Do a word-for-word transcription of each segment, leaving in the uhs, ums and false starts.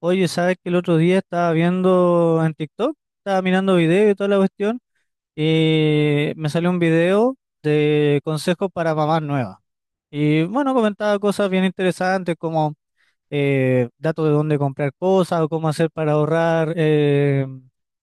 Oye, ¿sabes que el otro día estaba viendo en TikTok? Estaba mirando videos y toda la cuestión. Y me salió un video de consejos para mamás nuevas. Y bueno, comentaba cosas bien interesantes como eh, datos de dónde comprar cosas o cómo hacer para ahorrar eh,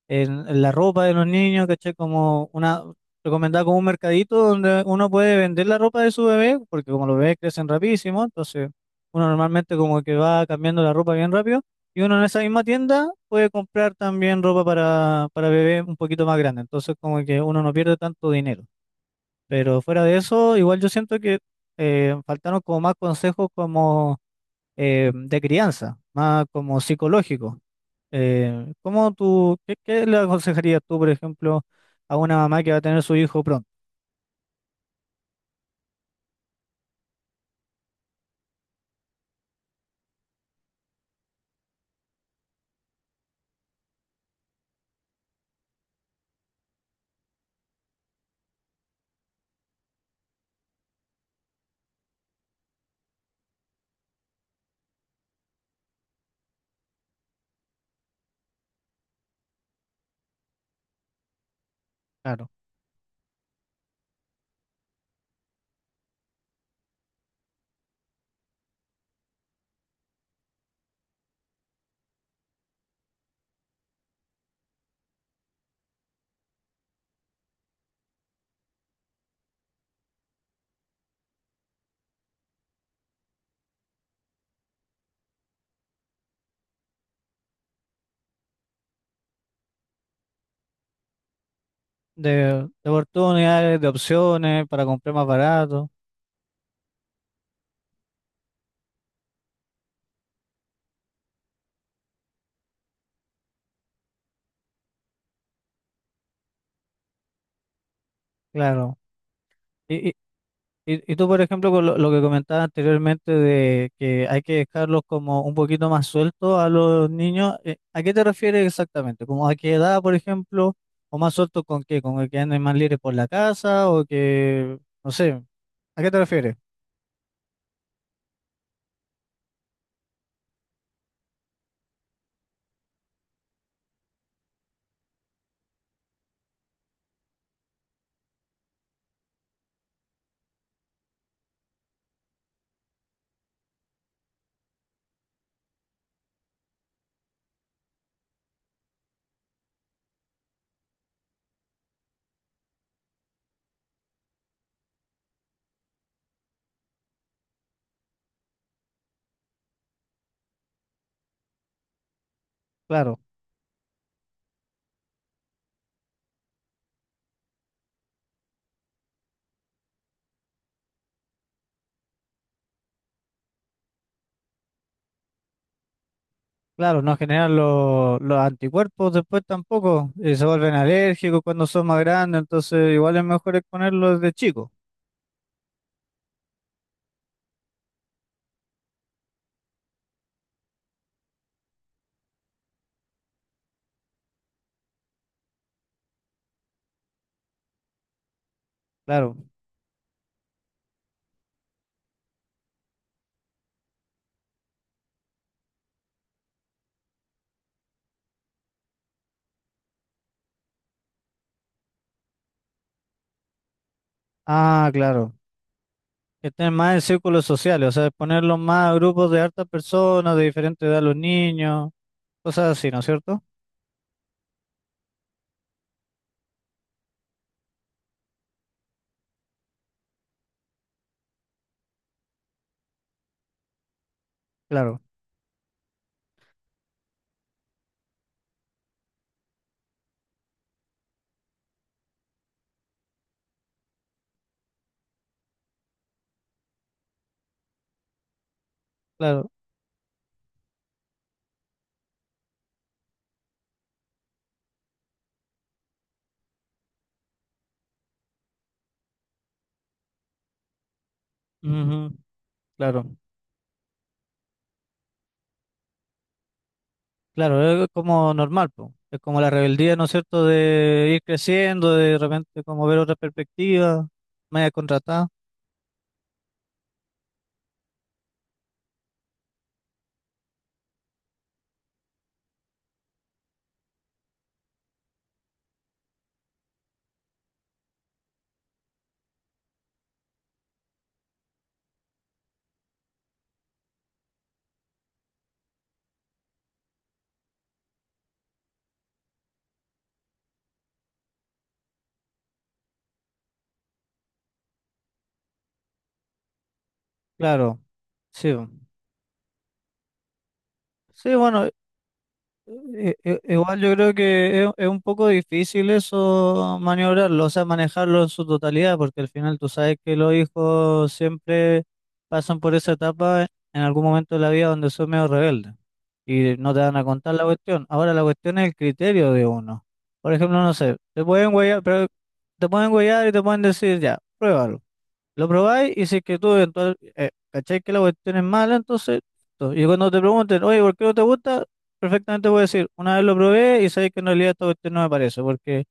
en, en la ropa de los niños, ¿cachai? Como una, recomendada como un mercadito donde uno puede vender la ropa de su bebé, porque como los bebés crecen rapidísimo, entonces uno normalmente como que va cambiando la ropa bien rápido, y uno en esa misma tienda puede comprar también ropa para, para bebé un poquito más grande, entonces como que uno no pierde tanto dinero. Pero fuera de eso, igual yo siento que eh, faltaron como más consejos como eh, de crianza, más como psicológico. Eh, ¿cómo tú, qué, qué le aconsejarías tú, por ejemplo, a una mamá que va a tener su hijo pronto? Claro, de, de oportunidades, de opciones para comprar más barato, claro. Y, y, y y tú, por ejemplo, con lo, lo que comentabas anteriormente de que hay que dejarlos como un poquito más sueltos a los niños, eh, ¿a qué te refieres exactamente? ¿Como a qué edad, por ejemplo? ¿O más sueltos con qué? ¿Con el que anden más libres por la casa? ¿O que, no sé, ¿a qué te refieres? Claro, claro, no generan lo- los anticuerpos después tampoco, y se vuelven alérgicos cuando son más grandes, entonces igual es mejor exponerlos desde chico, claro. Ah, claro, que estén más en círculos sociales, o sea, exponerlos más a grupos de hartas personas, de diferente edad los niños, cosas así, ¿no es cierto? Claro, claro, ujú, claro, claro, es como normal, po. Es como la rebeldía, ¿no es cierto?, de ir creciendo, de repente como ver otra perspectiva, media contratada, claro, sí. Sí, bueno, i- i- igual yo creo que es, es un poco difícil eso maniobrarlo, o sea, manejarlo en su totalidad, porque al final tú sabes que los hijos siempre pasan por esa etapa en algún momento de la vida donde son medio rebeldes y no te van a contar la cuestión. Ahora la cuestión es el criterio de uno. Por ejemplo, no sé, te pueden huellar, pero te pueden huellar y te pueden decir ya, pruébalo. Lo probáis y si es que tú eventual, eh, cachai que la cuestión es mala, entonces, to- y cuando te pregunten, oye, ¿por qué no te gusta? Perfectamente puedes decir, una vez lo probé y sabéis que en realidad esta cuestión no me parece, porque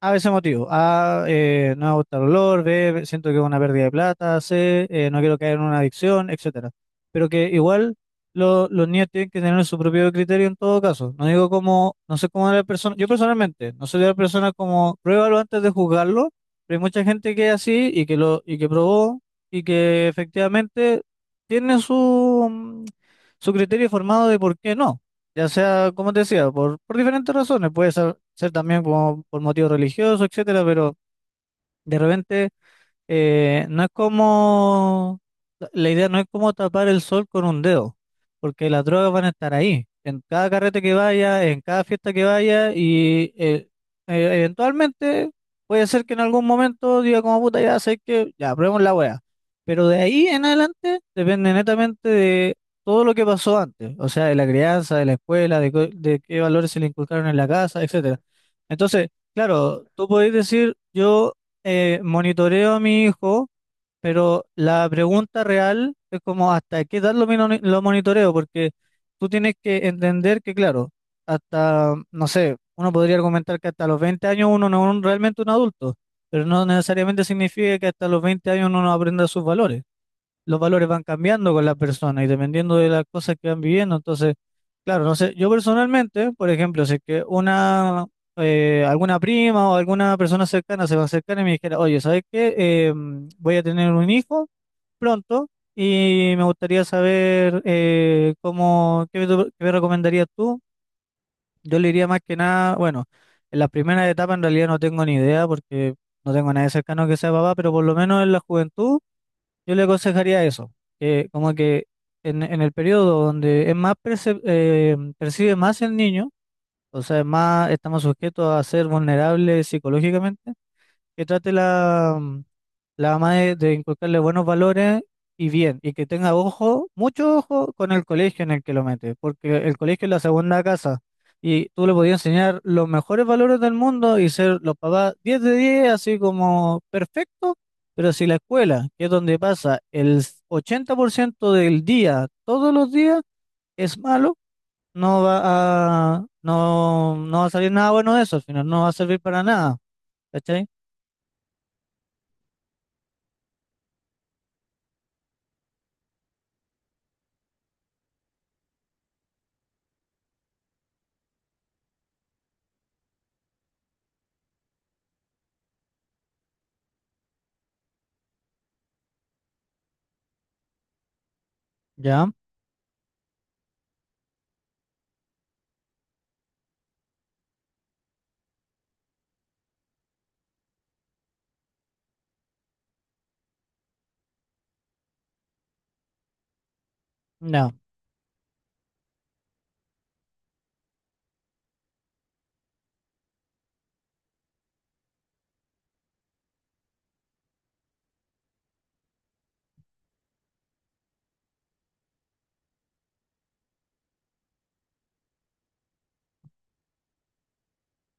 a veces motivo. A, eh, no me gusta el olor, B, siento que es una pérdida de plata, C, eh, no quiero caer en una adicción, etcétera. Pero que igual lo- los niños tienen que tener su propio criterio en todo caso. No digo como, no sé cómo la persona, yo personalmente, no soy de la persona como, pruébalo antes de juzgarlo, pero hay mucha gente que es así y que lo, y que probó y que efectivamente tiene su, mm, su criterio formado de por qué no. Ya sea, como te decía, por, por diferentes razones. Puede ser ser también como por motivos religiosos, etcétera, pero de repente eh, no es como, la idea no es como tapar el sol con un dedo, porque las drogas van a estar ahí, en cada carrete que vaya, en cada fiesta que vaya, y eh, eh, eventualmente puede ser que en algún momento diga como puta, ya sé que ya, probemos la wea. Pero de ahí en adelante depende netamente de todo lo que pasó antes, o sea, de la crianza, de la escuela, de, co- de qué valores se le inculcaron en la casa, etcétera. Entonces, claro, tú podés decir, yo eh, monitoreo a mi hijo, pero la pregunta real es como hasta qué edad lo, mino- lo monitoreo, porque tú tienes que entender que, claro, hasta, no sé, uno podría argumentar que hasta los veinte años uno no es un- realmente un adulto, pero no necesariamente significa que hasta los veinte años uno no aprenda sus valores. Los valores van cambiando con la persona y dependiendo de las cosas que van viviendo, entonces... Claro, no sé, yo personalmente, por ejemplo, si es que una, eh, alguna prima o alguna persona cercana se va a acercar y me dijera, oye, ¿sabes qué? Eh, mm, voy a tener un hijo pronto y me gustaría saber eh, cómo, qué me, tu- qué me recomendarías tú. Yo le diría más que nada, bueno, en las primeras etapas en realidad no tengo ni idea porque no tengo a nadie cercano que sea papá, pero por lo menos en la juventud. Yo le aconsejaría eso, que como que en, en el periodo donde es más perce- eh, percibe más el niño, o sea, es más estamos sujetos a ser vulnerables psicológicamente, que trate la, la mamá de, de inculcarle buenos valores y bien, y que tenga ojo, mucho ojo con el colegio en el que lo mete, porque el colegio es la segunda casa y tú le podías enseñar los mejores valores del mundo y ser los papás diez de diez así como perfecto, pero si la escuela, que es donde pasa el ochenta por ciento del día, todos los días, es malo, no va a, no, no va a salir nada bueno de eso, al final no va a servir para nada, ¿cachai? ¿Ya? No,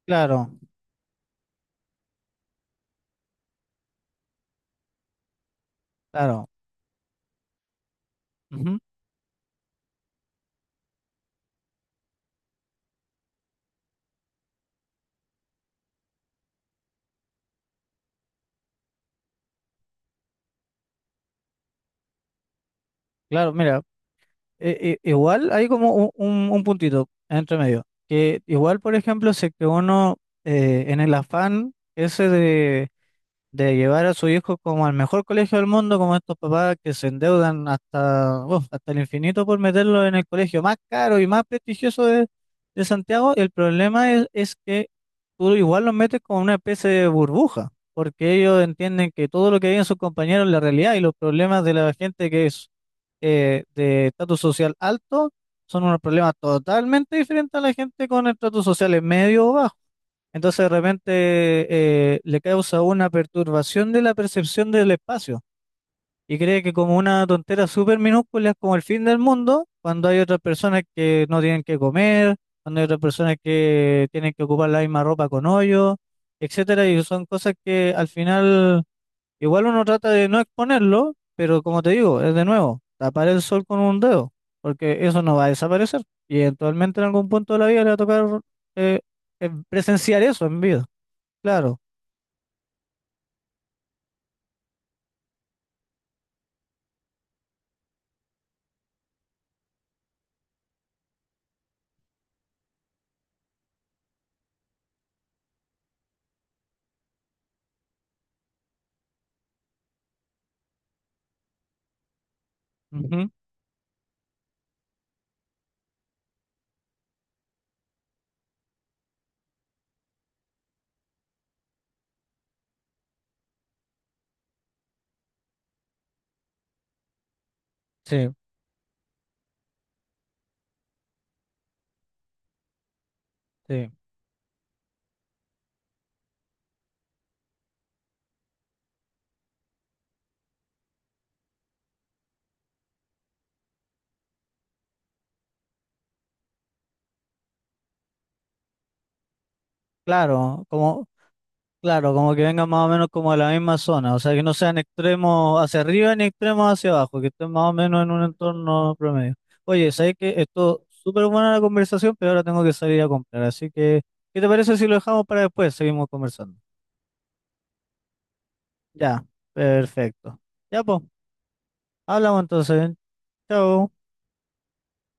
claro, claro. Ujú. Claro, mira, eh, eh, igual hay como un, un- un puntito entre medio, que igual, por ejemplo, si es que uno eh, en el afán ese de llevar a su hijo como al mejor colegio del mundo, como estos papás que se endeudan hasta, uf, hasta el infinito por meterlo en el colegio más caro y más prestigioso de, de Santiago, el problema es, es que tú igual los metes como una especie de burbuja, porque ellos entienden que todo lo que viven sus compañeros es la realidad y los problemas de la gente que es eh, de estatus social alto son unos problemas totalmente diferentes a la gente con estatus social medio o bajo. Entonces de repente eh, le causa una perturbación de la percepción del espacio y cree que como una tontera súper minúscula es como el fin del mundo, cuando hay otras personas que no tienen que comer, cuando hay otras personas que tienen que ocupar la misma ropa con hoyo, etcétera, y son cosas que al final igual uno trata de no exponerlo, pero como te digo, es de nuevo, tapar el sol con un dedo, porque eso no va a desaparecer y eventualmente en algún punto de la vida le va a tocar eh, eh, presenciar eso en vida. Claro, ujú. Sí, sí, claro, como, claro, como que vengan más o menos como de la misma zona, o sea, que no sean extremos hacia arriba ni extremos hacia abajo, que estén más o menos en un entorno promedio. Oye, sabes que esto súper buena la conversación, pero ahora tengo que salir a comprar, así que, ¿qué te parece si lo dejamos para después? Seguimos conversando. Ya, perfecto. Ya, pues, hablamos entonces. Chao.